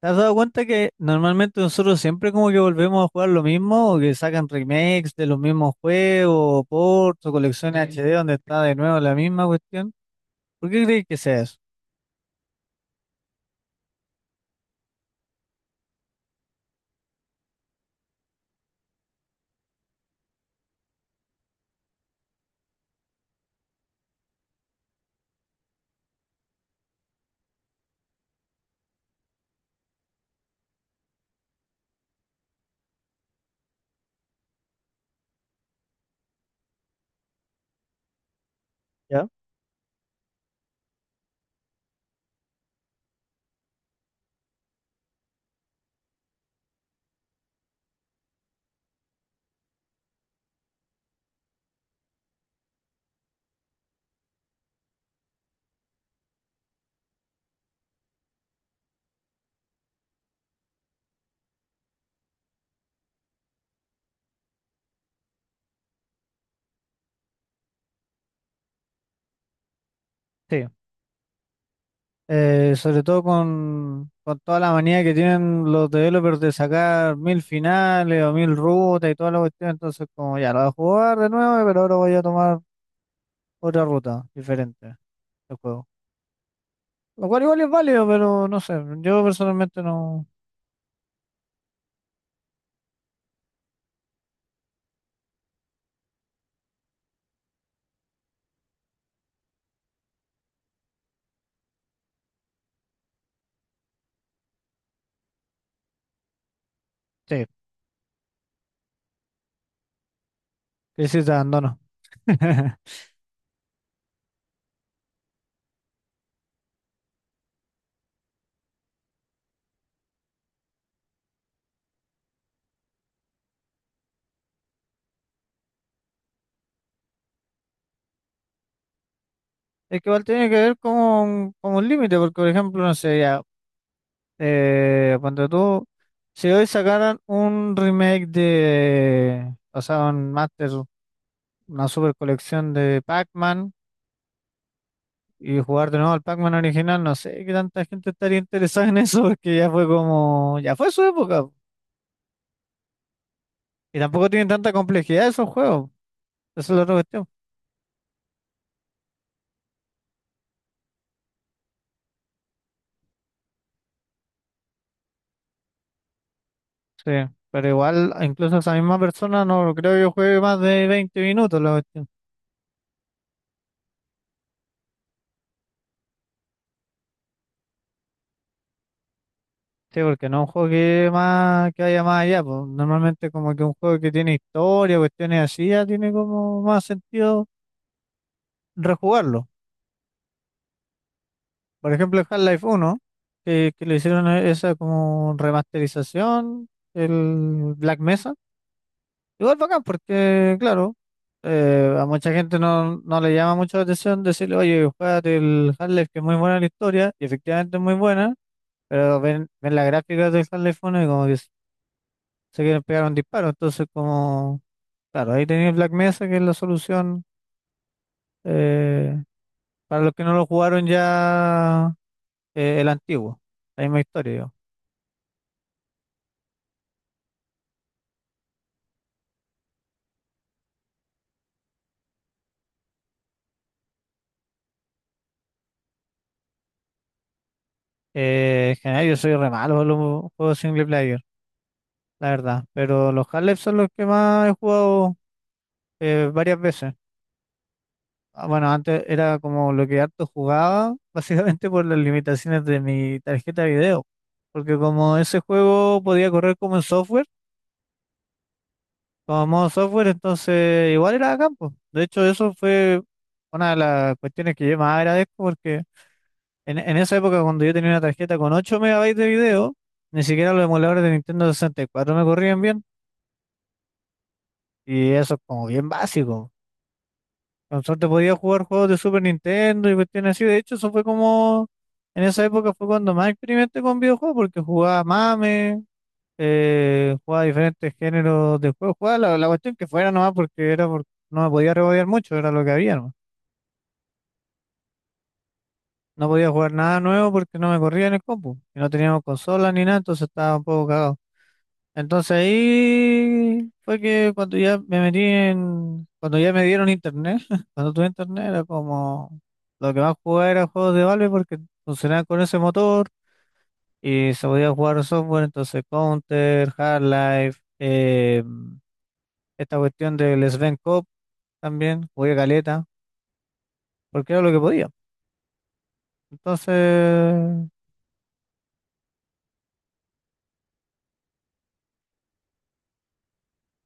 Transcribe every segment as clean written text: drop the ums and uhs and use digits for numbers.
¿Te has dado cuenta que normalmente nosotros siempre como que volvemos a jugar lo mismo o que sacan remakes de los mismos juegos, ports o colecciones sí HD donde está de nuevo la misma cuestión? ¿Por qué crees que sea eso? ¿Ya? Sí. Sobre todo con toda la manía que tienen los developers de sacar mil finales o mil rutas y toda la cuestión, entonces como ya lo voy a jugar de nuevo, pero ahora voy a tomar otra ruta diferente del juego. Lo cual igual es válido, pero no sé, yo personalmente no... Sí, crisis de abandono. Es que igual tiene que ver con un límite, porque por ejemplo, no sé, ya, cuando tú, si hoy sacaran un remake de, o sea, un master, una super colección de Pac-Man y jugar de nuevo al Pac-Man original, no sé qué tanta gente estaría interesada en eso, porque ya fue como, ya fue su época, po. Y tampoco tienen tanta complejidad esos juegos, eso es la otra cuestión. Sí, pero igual, incluso esa misma persona no creo que juegue más de 20 minutos la cuestión. Sí, porque no es un juego que, más, que vaya más allá, pues normalmente como que un juego que tiene historia, cuestiones así, ya tiene como más sentido rejugarlo. Por ejemplo, el Half-Life uno que le hicieron esa como remasterización, el Black Mesa, igual bacán, porque claro, a mucha gente no, no le llama mucho la atención decirle, oye, juégate el Half-Life que es muy buena la historia, y efectivamente es muy buena, pero ven, ven las gráficas del Half-Life uno y como que se quieren pegar un disparo, entonces como... Claro, ahí tenéis Black Mesa, que es la solución eh, para los que no lo jugaron ya el antiguo, la misma historia yo. En general yo soy re malo para los juegos single player, la verdad, pero los Half-Life son los que más he jugado varias veces. Ah, bueno, antes era como lo que harto jugaba, básicamente por las limitaciones de mi tarjeta de video, porque como ese juego podía correr como en software, como modo software, entonces igual era campo. De hecho, eso fue una de las cuestiones que yo más agradezco porque en esa época cuando yo tenía una tarjeta con 8 megabytes de video, ni siquiera los emuladores de Nintendo 64 me corrían bien. Y eso es como bien básico. Con suerte podía jugar juegos de Super Nintendo y cuestiones así. De hecho, eso fue como, en esa época fue cuando más experimenté con videojuegos porque jugaba MAME, jugaba diferentes géneros de juego, jugaba la cuestión que fuera nomás porque era no me podía rebodear mucho, era lo que había nomás. No podía jugar nada nuevo porque no me corría en el compu y no teníamos consolas ni nada, entonces estaba un poco cagado. Entonces ahí fue que cuando ya me metí en, cuando ya me dieron internet, cuando tuve internet era como lo que más jugaba era juegos de Valve porque funcionaban con ese motor y se podía jugar software, entonces Counter, Half-Life, esta cuestión del Sven Cop también, jugué caleta, porque era lo que podía. Entonces,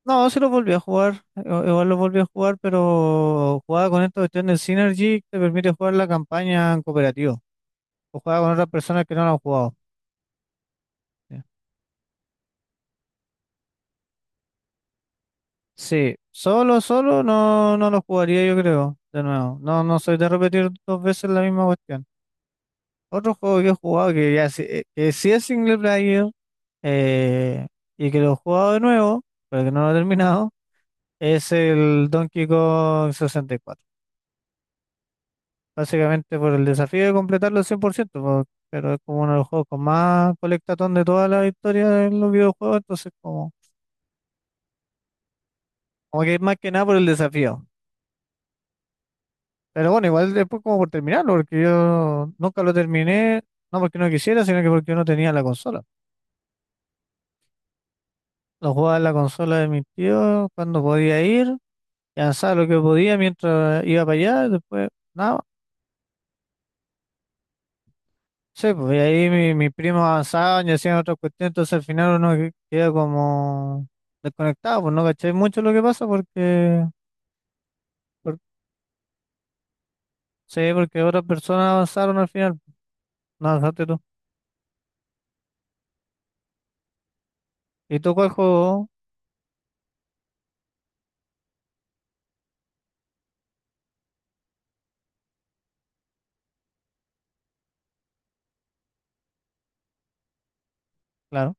no, sí lo volví a jugar, igual lo volví a jugar, pero jugaba con esta cuestión del Synergy que te permite jugar la campaña en cooperativo, o jugaba con otras personas que no la han jugado. Ya. Sí, solo, solo no, no lo jugaría yo creo, de nuevo. No, no soy de repetir dos veces la misma cuestión. Otro juego que he jugado que ya que sí es single player, eh, y que lo he jugado de nuevo, pero que no lo he terminado, es el Donkey Kong 64. Básicamente por el desafío de completarlo al 100%, po, pero es como uno de los juegos con más colectatón de toda la historia de los videojuegos, entonces como, como que es más que nada por el desafío. Pero bueno, igual después como por terminarlo, porque yo nunca lo terminé, no porque no quisiera, sino que porque yo no tenía la consola. Lo jugaba en la consola de mis tíos cuando podía ir, y avanzaba lo que podía mientras iba para allá, y después nada. Sí, pues y ahí mi primo avanzaban y hacían otra cuestión, entonces al final uno queda como desconectado, pues no caché mucho lo que pasa porque, por- sí, porque otras personas avanzaron al final, no avanzaste tú. ¿Y tú cuál juego? Claro.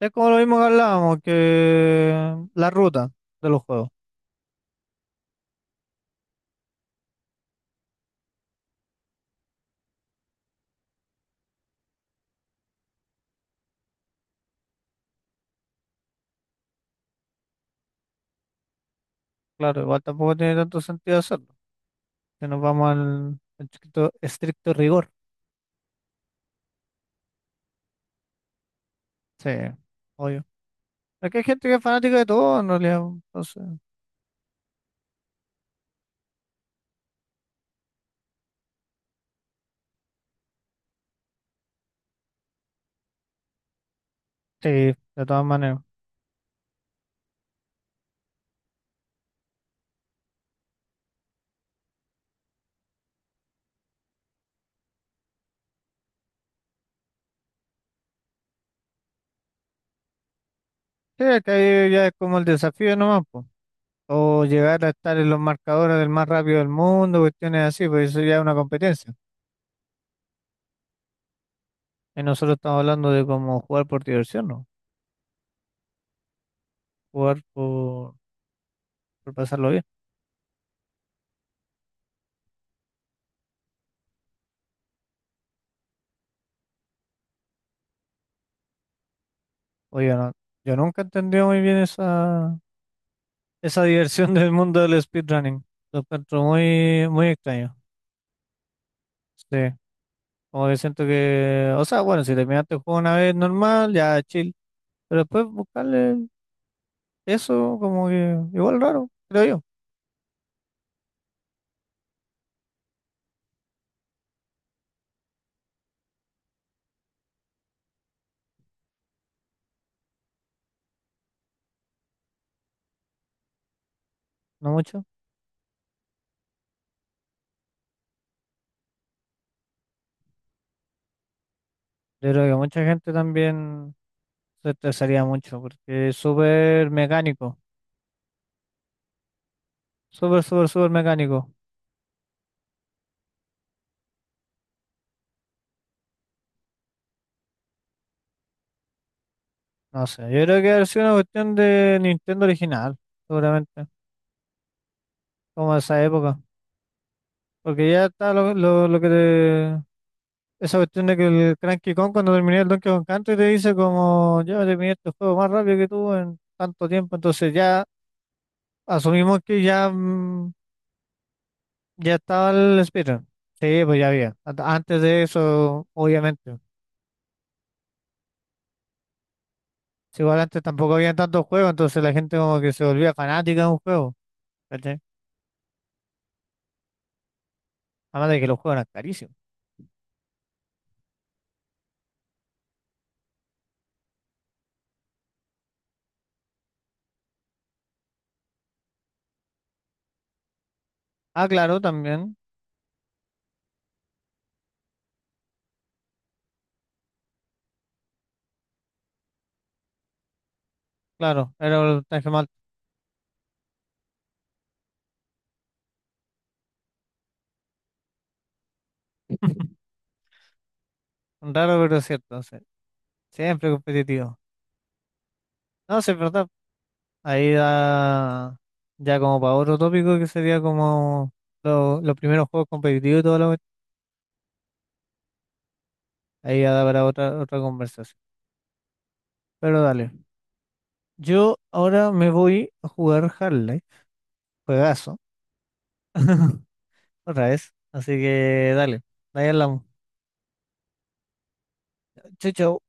Es como lo mismo que hablábamos, que la ruta de los juegos. Claro, igual tampoco tiene tanto sentido hacerlo, que nos vamos al, al estricto, estricto rigor. Sí, obvio. Aquí hay gente que es fanática de todo en realidad, entonces, sí, de todas maneras. Sí, acá ya ya es como el desafío nomás, po. O llegar a estar en los marcadores del más rápido del mundo, cuestiones así, pues eso ya es una competencia. Y nosotros estamos hablando de cómo jugar por diversión, ¿no? Jugar por pasarlo bien. Oye, no, yo nunca entendí muy bien esa, esa diversión del mundo del speedrunning. Lo encuentro muy, muy extraño. Sí, como que siento que, o sea, bueno, si terminaste el juego una vez normal, ya chill. Pero después buscarle eso, como que igual raro, creo yo, no mucho. Yo creo que mucha gente también se estresaría mucho porque es súper mecánico, súper, súper, súper mecánico. No sé, yo creo que ha sido una cuestión de Nintendo original, seguramente, como de esa época. Porque ya está lo que te... Esa cuestión de que el Cranky Kong cuando terminé el Donkey Kong Country te dice como, yo terminé este juego más rápido que tú en tanto tiempo, entonces ya asumimos que ya, mm, ya estaba el speedrun. Sí, pues ya había. Antes de eso, obviamente. Sí, igual antes tampoco había tantos juegos, entonces la gente como que se volvía fanática de un juego, ¿cachai? Además de que los juegos eran carísimos. Ah, claro, también, claro, era un traje más raro, pero es cierto, sí, siempre competitivo. No, sí, es verdad, ahí da ya como para otro tópico que sería como los primeros juegos competitivos y todo lo que... Ahí ya da para otra, otra conversación. Pero dale, yo ahora me voy a jugar Half-Life, juegazo, otra vez, así que dale, ahí hablamos. Chau, chau.